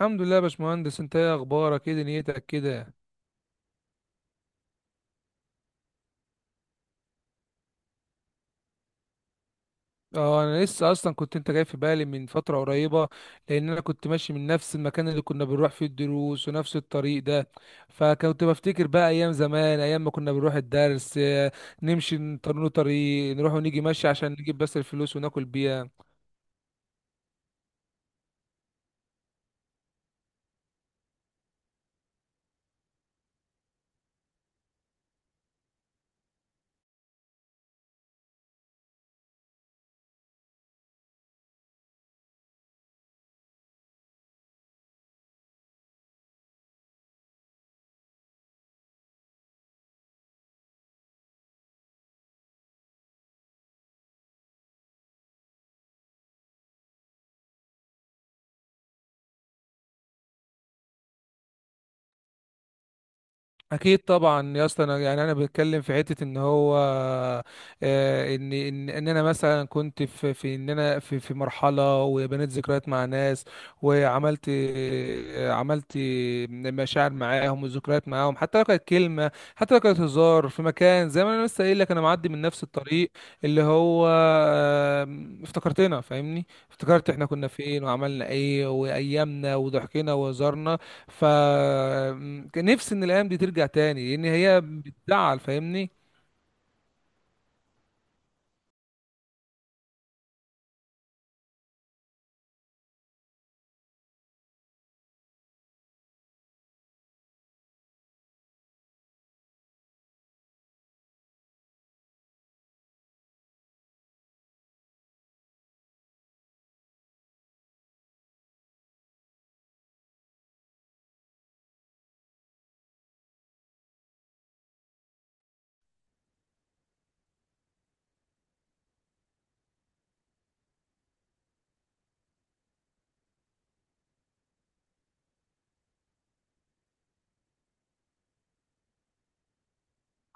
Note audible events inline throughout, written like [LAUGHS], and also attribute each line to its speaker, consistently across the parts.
Speaker 1: الحمد لله يا باشمهندس، انت ايه اخبارك؟ ايه دنيتك كده؟ اه، انا لسه اصلا كنت انت جاي في بالي من فتره قريبه، لان انا كنت ماشي من نفس المكان اللي كنا بنروح فيه الدروس ونفس الطريق ده. فكنت بفتكر بقى ايام زمان، ايام ما كنا بنروح الدرس. اه، نمشي نطرنوا طريق، نروح ونيجي ماشي عشان نجيب بس الفلوس وناكل بيها. اكيد طبعا يا اسطى، انا يعني انا بتكلم في حته ان هو ان انا مثلا كنت في ان انا في مرحله وبنيت ذكريات مع ناس، وعملت، عملت مشاعر معاهم وذكريات معاهم، حتى لو كانت كلمه، حتى لو كانت هزار في مكان. زي ما انا لسه قايل لك، انا معدي من نفس الطريق اللي هو افتكرتنا، فاهمني؟ افتكرت احنا كنا فين وعملنا ايه وايامنا وضحكنا وهزارنا. فنفسي ان الايام دي ترجع تاني، لان هي بتزعل، فاهمني؟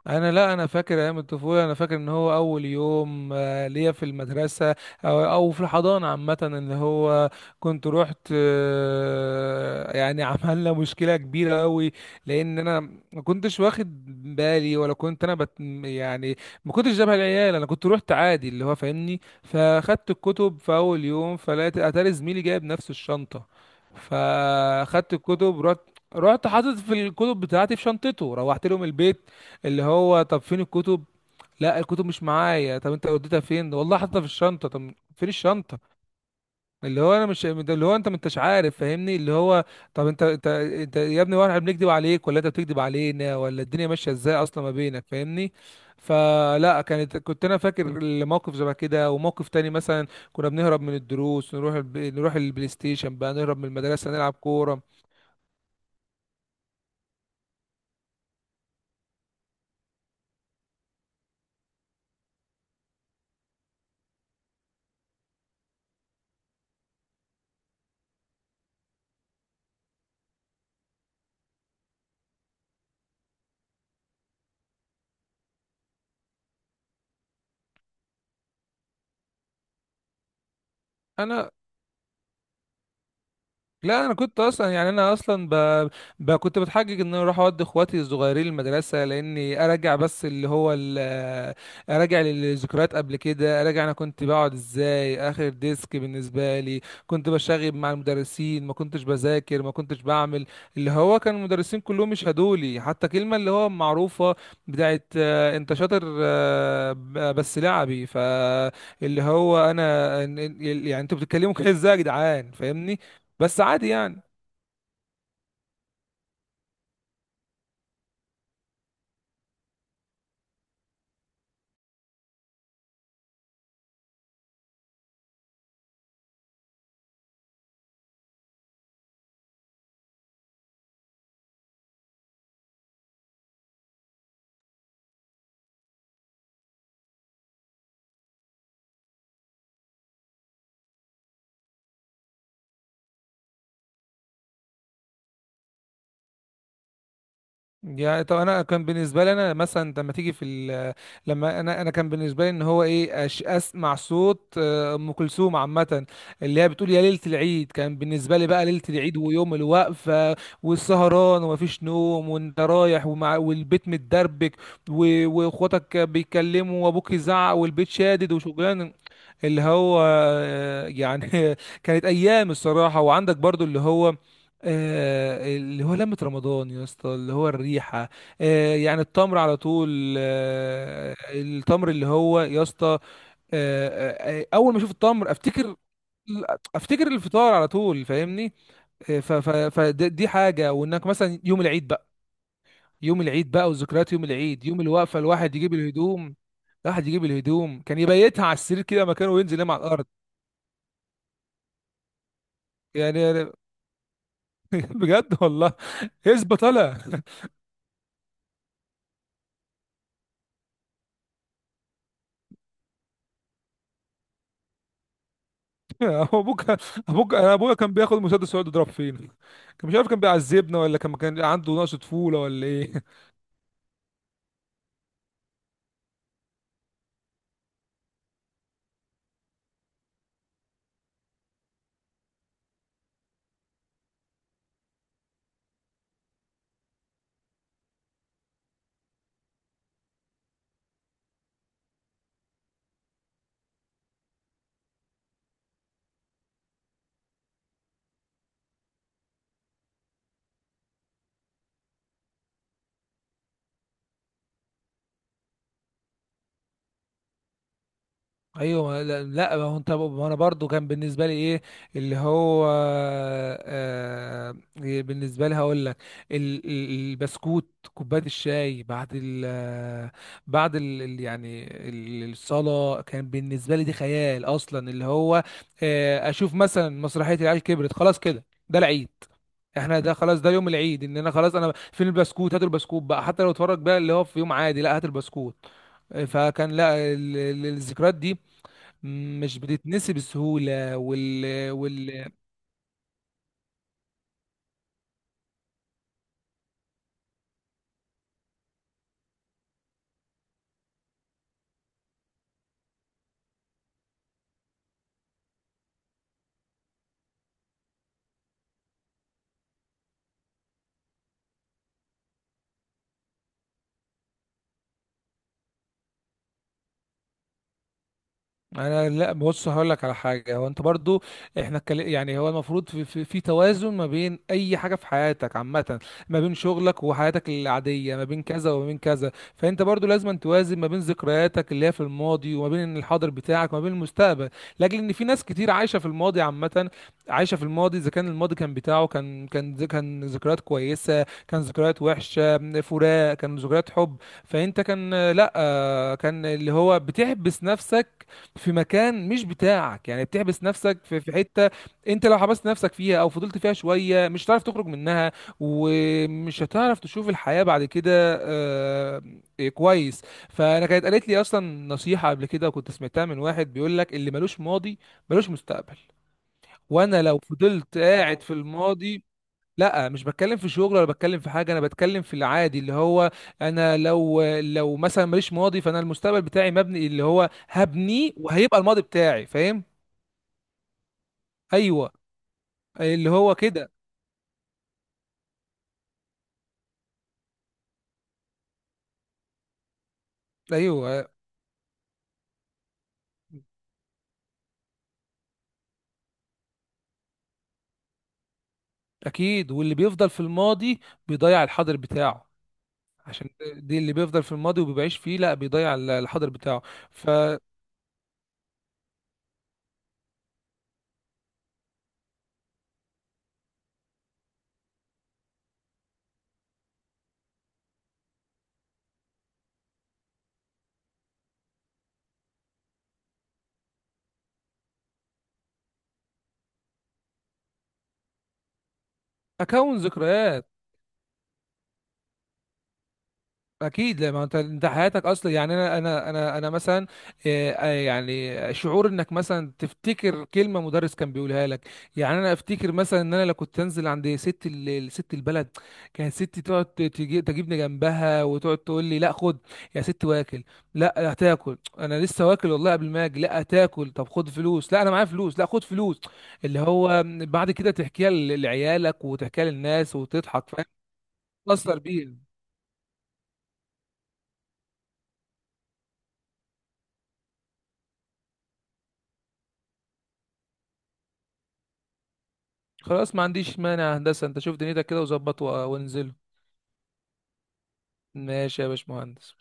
Speaker 1: انا لا، انا فاكر ايام الطفوله. انا فاكر ان هو اول يوم ليا في المدرسه او او في الحضانه عامه، ان هو كنت رحت، يعني [LAUGHS] عملنا مشكله كبيره قوي. لان انا ما كنتش واخد بالي، ولا كنت انا بت يعني ما كنتش جابها العيال. انا كنت رحت عادي اللي هو فاهمني، فاخدت الكتب في اول يوم، فلقيت اتاري زميلي جايب نفس الشنطه. فاخدت الكتب، رحت حاطط في الكتب بتاعتي في شنطته، روحت لهم البيت. اللي هو طب فين الكتب؟ لا الكتب مش معايا. طب انت وديتها فين؟ والله حاططها في الشنطه. طب فين الشنطه؟ اللي هو انا مش اللي هو انت ما انتش عارف، فاهمني؟ اللي هو طب انت يا ابني، واحنا بنكذب عليك ولا انت بتكذب علينا ولا الدنيا ماشيه ازاي اصلا ما بينك، فاهمني؟ فلا، كانت كنت انا فاكر الموقف شبه كده. وموقف تاني مثلا كنا بنهرب من الدروس، نروح الب... نروح البلاي ستيشن بقى، نهرب من المدرسه نلعب كوره. انا لا، انا كنت اصلا يعني انا اصلا ب... ب... كنت بتحجج ان انا اروح اودي اخواتي الصغيرين المدرسه، لاني ارجع بس اللي هو ال... ارجع للذكريات قبل كده. ارجع، انا كنت بقعد ازاي اخر ديسك بالنسبه لي، كنت بشاغب مع المدرسين، ما كنتش بذاكر ما كنتش بعمل اللي هو. كان المدرسين كلهم يشهدوا لي، حتى كلمه اللي هو معروفه بتاعت انت شاطر، بس لعبي. فاللي هو انا يعني انتوا بتتكلموا كده ازاي يا جدعان، فاهمني؟ بس عادي يعني. يعني طب انا كان بالنسبه لي، انا مثلا لما تيجي في ال- لما انا انا كان بالنسبه لي ان هو ايه، أش اسمع صوت ام كلثوم عامه، اللي هي بتقول يا ليله العيد. كان بالنسبه لي بقى ليله العيد ويوم الوقفه والسهران ومفيش نوم، وانت رايح، ومع والبيت متدربك، واخواتك بيتكلموا وابوك يزعق والبيت شادد وشغلان. اللي هو يعني [LAUGHS] كانت ايام الصراحه. وعندك برضو اللي هو، اللي هو لمة رمضان يا اسطى، اللي هو الريحة، يعني التمر على طول، التمر اللي هو يا اسطى. اول ما اشوف التمر افتكر، افتكر الفطار على طول، فاهمني؟ فدي حاجة. وانك مثلا يوم العيد بقى، يوم العيد بقى، وذكريات يوم العيد، يوم الوقفة، الواحد يجيب الهدوم. الواحد يجيب الهدوم كان يبيتها على السرير كده مكانه وينزل ينام على الارض. يعني [LAUGHS] يعني بجد والله يثبت طالع. [LAUGHS] هو ابوك؟ ابوك؟ أنا ابويا كان بياخد مسدس ويقعد يضرب فينا. كان مش عارف كان بيعذبنا ولا كان عنده نقص طفوله ولا ايه. ايوه. لا لا، ما هو انت، ما انا برضو كان بالنسبه لي ايه اللي هو، آه بالنسبه لي هقول لك. البسكوت، كوبايه الشاي بعد ال بعد ال يعني الصلاه، كان بالنسبه لي دي خيال اصلا. اللي هو آه اشوف مثلا مسرحيه العيال كبرت، خلاص كده ده العيد. احنا ده خلاص، ده يوم العيد، ان انا خلاص. انا فين البسكوت؟ هات البسكوت بقى. حتى لو اتفرج بقى اللي هو في يوم عادي، لا هات البسكوت. فكان لا، الذكريات دي مش بتتنسي بسهولة. وال... وال... انا لا، بص هقول لك على حاجه. هو انت برضو، احنا اتكل- يعني هو المفروض في توازن ما بين اي حاجه في حياتك عامه، ما بين شغلك وحياتك العاديه، ما بين كذا وما بين كذا. فانت برضو لازم توازن ما بين ذكرياتك اللي هي في الماضي، وما بين الحاضر بتاعك، وما بين المستقبل. لاجل ان في ناس كتير عايشه في الماضي عامه، عايشه في الماضي. اذا كان الماضي كان بتاعه كان ذكريات كويسه، كان ذكريات وحشه، فراق، كان ذكريات حب، فانت كان لا كان اللي هو بتحبس نفسك في مكان مش بتاعك. يعني بتحبس نفسك في حته، انت لو حبست نفسك فيها او فضلت فيها شويه مش هتعرف تخرج منها، ومش هتعرف تشوف الحياه بعد كده. آه، إيه، كويس. فانا كانت قالت لي اصلا نصيحه قبل كده، كنت سمعتها من واحد بيقول لك: اللي ملوش ماضي ملوش مستقبل. وانا لو فضلت قاعد في الماضي، لا مش بتكلم في شغل ولا بتكلم في حاجه، انا بتكلم في العادي اللي هو. انا لو مثلا ماليش ماضي، فانا المستقبل بتاعي مبني اللي هو هبنيه، وهيبقى الماضي بتاعي، فاهم؟ ايوه، اللي هو كده. ايوه اكيد. واللي بيفضل في الماضي بيضيع الحاضر بتاعه. عشان دي، اللي بيفضل في الماضي وبيعيش فيه، لا بيضيع الحاضر بتاعه. فاكون ذكريات. اكيد، لا ما انت، انت حياتك اصلا يعني انا مثلا يعني شعور انك مثلا تفتكر كلمه مدرس كان بيقولها لك. يعني انا افتكر مثلا ان انا لو كنت انزل عند ست ال- ست البلد، كانت ستي تقعد تجي تجيبني جنبها وتقعد تقول لي: لا خد يا ست واكل. لا هتاكل. انا لسه واكل والله قبل ما اجي. لا هتاكل. طب خد فلوس. لا انا معايا فلوس. لا خد فلوس. اللي هو بعد كده تحكيها ل- لعيالك وتحكيها للناس وتضحك، فاهم؟ تتأثر بيها. خلاص ما عنديش مانع يا هندسة. انت شوف دنيتك كده وظبط وانزله. ماشي يا باشمهندس.